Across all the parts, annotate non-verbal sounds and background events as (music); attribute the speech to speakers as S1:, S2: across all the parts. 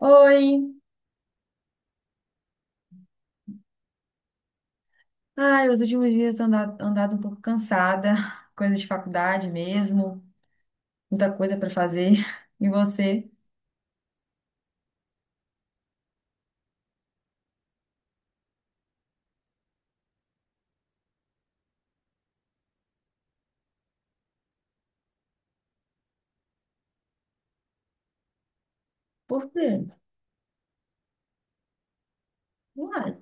S1: Oi! Ai, os últimos dias andado um pouco cansada, (laughs) coisa de faculdade mesmo, muita coisa para fazer. (laughs) E você? Por quê? Uai.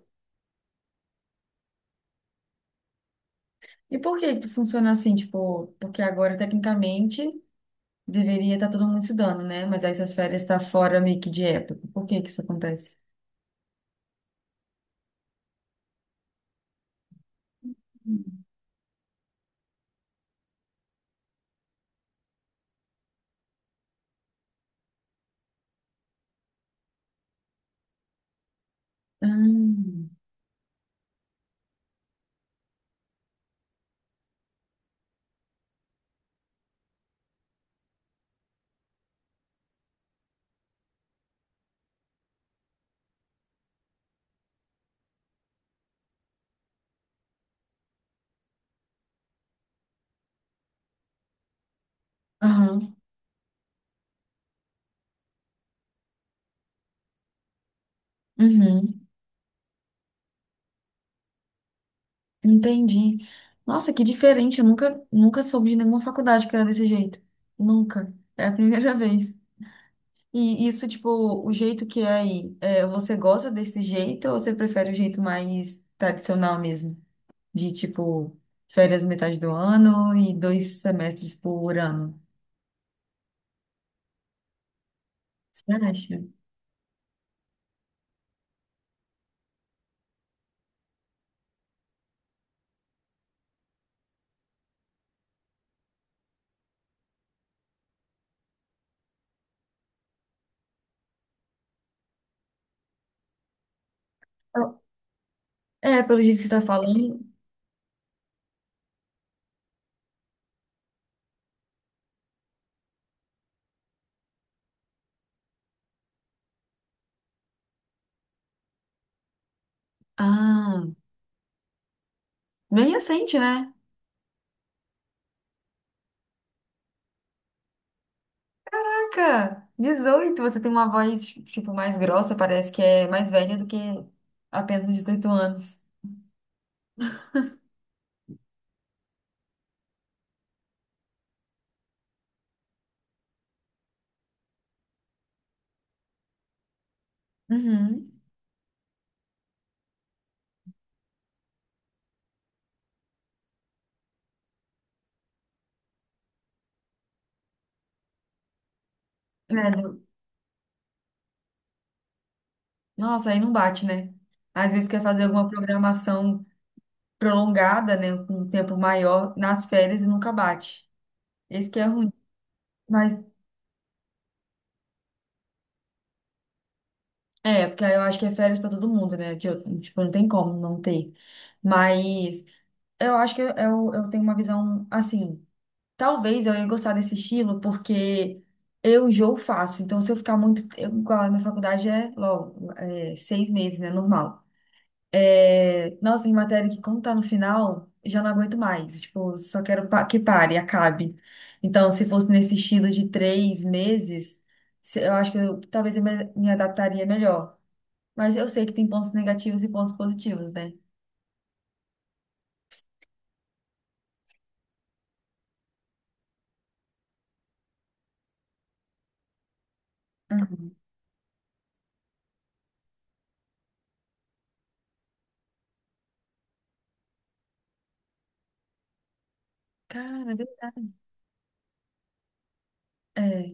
S1: E por que que funciona assim? Tipo, porque agora, tecnicamente, deveria estar todo mundo estudando, né? Mas aí essas férias estão fora meio que de época. Por que que isso acontece? Hum. Aham. Uhum. Entendi. Nossa, que diferente. Eu nunca, nunca soube de nenhuma faculdade que era desse jeito. Nunca. É a primeira (laughs) vez. E isso, tipo, o jeito que é aí, você gosta desse jeito ou você prefere o jeito mais tradicional mesmo? De, tipo, férias metade do ano e 2 semestres por ano? Você acha? Eu- É, pelo jeito que você tá falando. Ah, bem recente, né? Caraca, 18 você tem uma voz, tipo, mais grossa, parece que é mais velha do que apenas 18 anos. Uhum. É, nossa, aí não bate, né? Às vezes quer fazer alguma programação prolongada, né, com um tempo maior nas férias e nunca bate. Esse que é ruim. Mas porque aí eu acho que é férias pra todo mundo, né? Tipo, não tem como não ter. Mas eu acho que eu tenho uma visão assim. Talvez eu ia gostar desse estilo porque eu enjoo fácil. Então, se eu ficar muito. Eu, igual na faculdade é logo, 6 meses, né? Normal. É, nossa, em matéria que quando tá no final, já não aguento mais. Tipo, só quero que pare, acabe. Então, se fosse nesse estilo de 3 meses, eu acho que talvez eu me adaptaria melhor. Mas eu sei que tem pontos negativos e pontos positivos, né? Uhum. Cara, é verdade. É.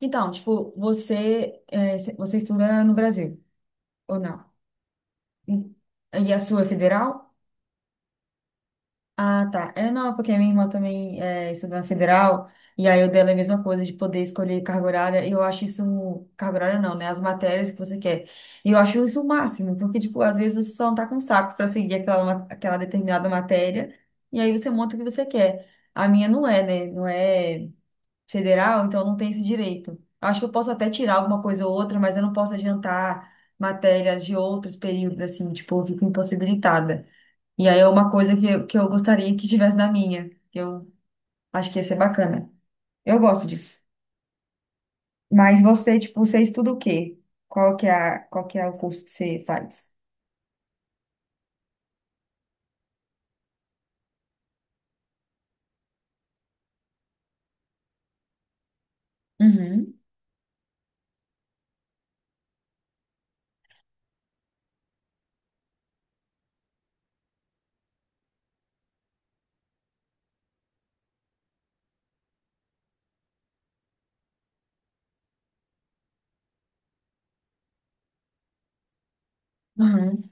S1: Então, tipo, você estuda no Brasil, ou não? E e a sua é federal? Ah, tá. É, não, porque a minha irmã também estudou na federal, e aí o dela é a mesma coisa de poder escolher carga horária, e eu acho isso, carga horária não, né? As matérias que você quer. E eu acho isso o máximo, porque, tipo, às vezes você só não tá com saco pra seguir aquela determinada matéria, e aí você monta o que você quer. A minha não é, né? Não é federal, então não tem esse direito. Eu acho que eu posso até tirar alguma coisa ou outra, mas eu não posso adiantar matérias de outros períodos, assim, tipo, eu fico impossibilitada. E aí é uma coisa que eu gostaria que tivesse na minha. Eu acho que ia ser bacana. Eu gosto disso. Mas você, tipo, você estuda o quê? Qual que é o curso que você faz? Uhum, uhum.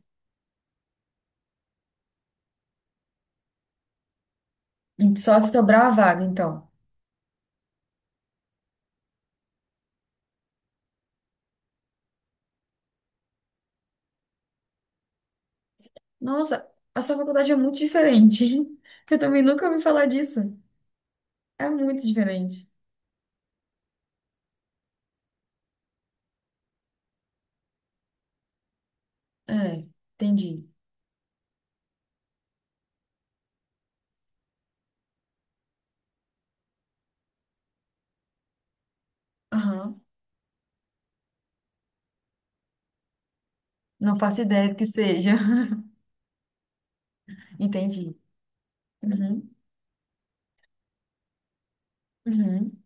S1: Só se sobrar a vaga, então. Nossa, a sua faculdade é muito diferente. (laughs) Que eu também nunca ouvi falar disso. É muito diferente. É, entendi. Aham. Não faço ideia do que seja. (laughs) Entendi. Uhum, uhum.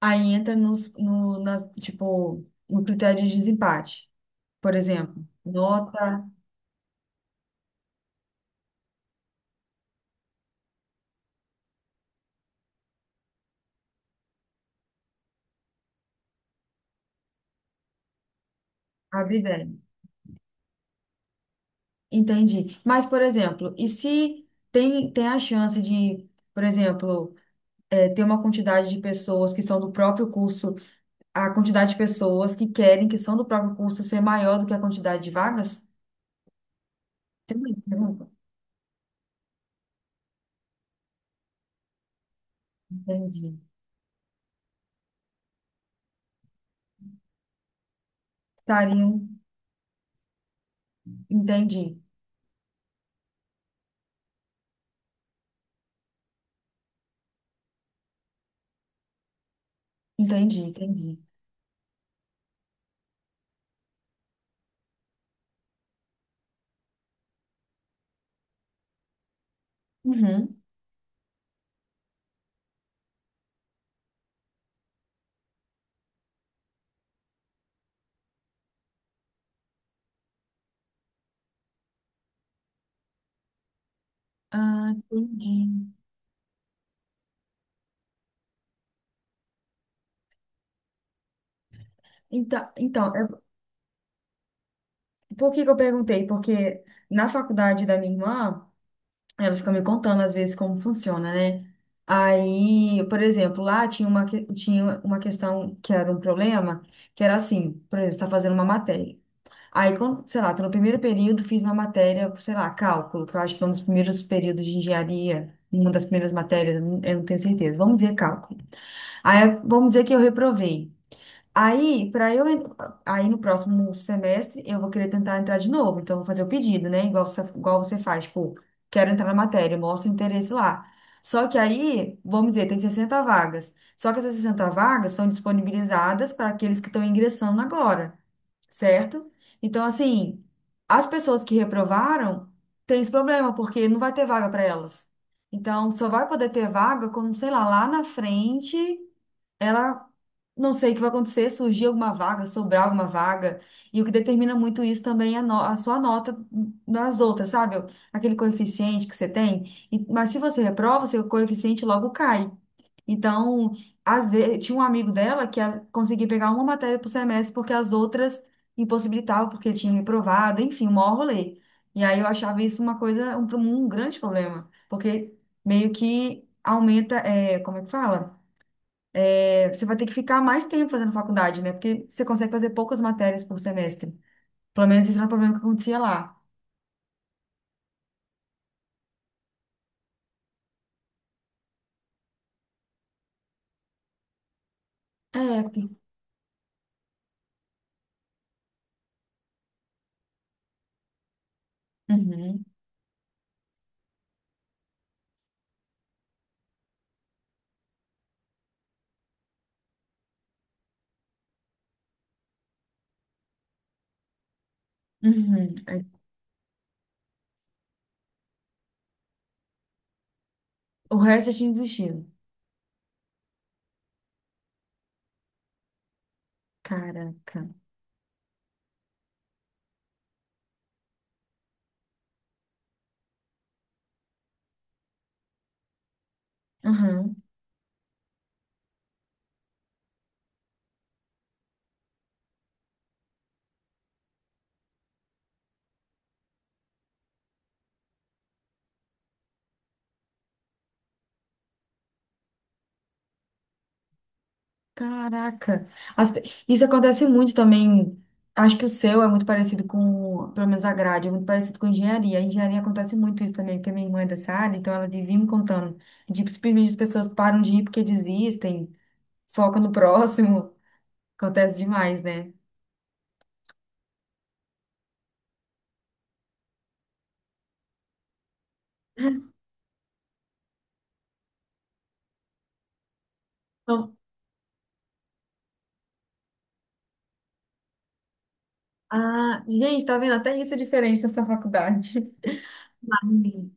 S1: Aí entra nos, no, nas, tipo, no critério de desempate, por exemplo, nota abridão. Entendi. Mas, por exemplo, e se tem, a chance de, por exemplo, ter uma quantidade de pessoas que são do próprio curso, a quantidade de pessoas que querem, que são do próprio curso, ser maior do que a quantidade de vagas? Entendi. Entendi. Estariam. Entendi. Entendi, entendi. Uhum. Ah, entendi. Então, por que que eu perguntei? Porque na faculdade da minha irmã, ela fica me contando às vezes como funciona, né? Aí, por exemplo, lá tinha uma questão que era um problema, que era assim, por exemplo, você está fazendo uma matéria. Aí, quando, sei lá, tô no primeiro período, fiz uma matéria, sei lá, cálculo, que eu acho que é um dos primeiros períodos de engenharia, uma das primeiras matérias, eu não tenho certeza. Vamos dizer cálculo. Aí, vamos dizer que eu reprovei. Aí, para eu, en- aí, no próximo semestre eu vou querer tentar entrar de novo, então eu vou fazer o pedido, né? Igual você faz, tipo, quero entrar na matéria, mostra o interesse lá. Só que aí, vamos dizer, tem 60 vagas. Só que essas 60 vagas são disponibilizadas para aqueles que estão ingressando agora, certo? Então, assim, as pessoas que reprovaram têm esse problema, porque não vai ter vaga para elas. Então, só vai poder ter vaga quando, sei lá, lá na frente ela não sei o que vai acontecer, surgir alguma vaga, sobrar alguma vaga, e o que determina muito isso também é a, no- a sua nota das outras, sabe? Aquele coeficiente que você tem. Mas se você reprova, seu coeficiente logo cai. Então, às vezes, tinha um amigo dela que conseguia pegar uma matéria por semestre porque as outras impossibilitavam, porque ele tinha reprovado, enfim, um maior rolê. E aí eu achava isso uma coisa, um grande problema, porque meio que aumenta, como é que fala? Você vai ter que ficar mais tempo fazendo faculdade, né? Porque você consegue fazer poucas matérias por semestre. Pelo menos esse era o problema que acontecia lá. É, porque. Uhum, uhum. Aí, o resto eu tinha desistido. Caraca. Uhum. Caraca. As pe- Isso acontece muito também. Acho que o seu é muito parecido com, pelo menos a grade, é muito parecido com engenharia. A engenharia acontece muito isso também, porque minha irmã é dessa área, então ela vivia me contando. De que simplesmente as pessoas param de ir porque desistem, focam no próximo. (laughs) Acontece demais, né? Não. Ah, gente, tá vendo? Até isso é diferente nessa faculdade. (laughs) Sim.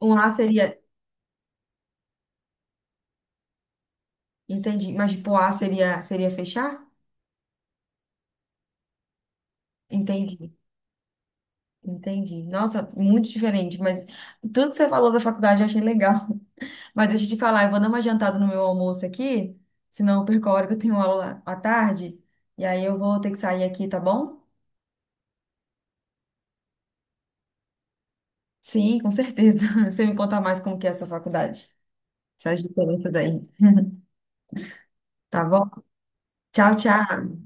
S1: Um A seria, entendi, mas tipo, um A seria, fechar? Entendi, entendi. Nossa, muito diferente, mas tudo que você falou da faculdade eu achei legal. (laughs) Mas deixa eu te falar, eu vou dar uma jantada no meu almoço aqui, senão eu perco a hora que eu tenho aula à tarde, e aí eu vou ter que sair aqui, tá bom? Sim, com certeza. (laughs) Você me conta mais como que é a sua faculdade, essas diferenças aí, (laughs) tá bom? Tchau, tchau.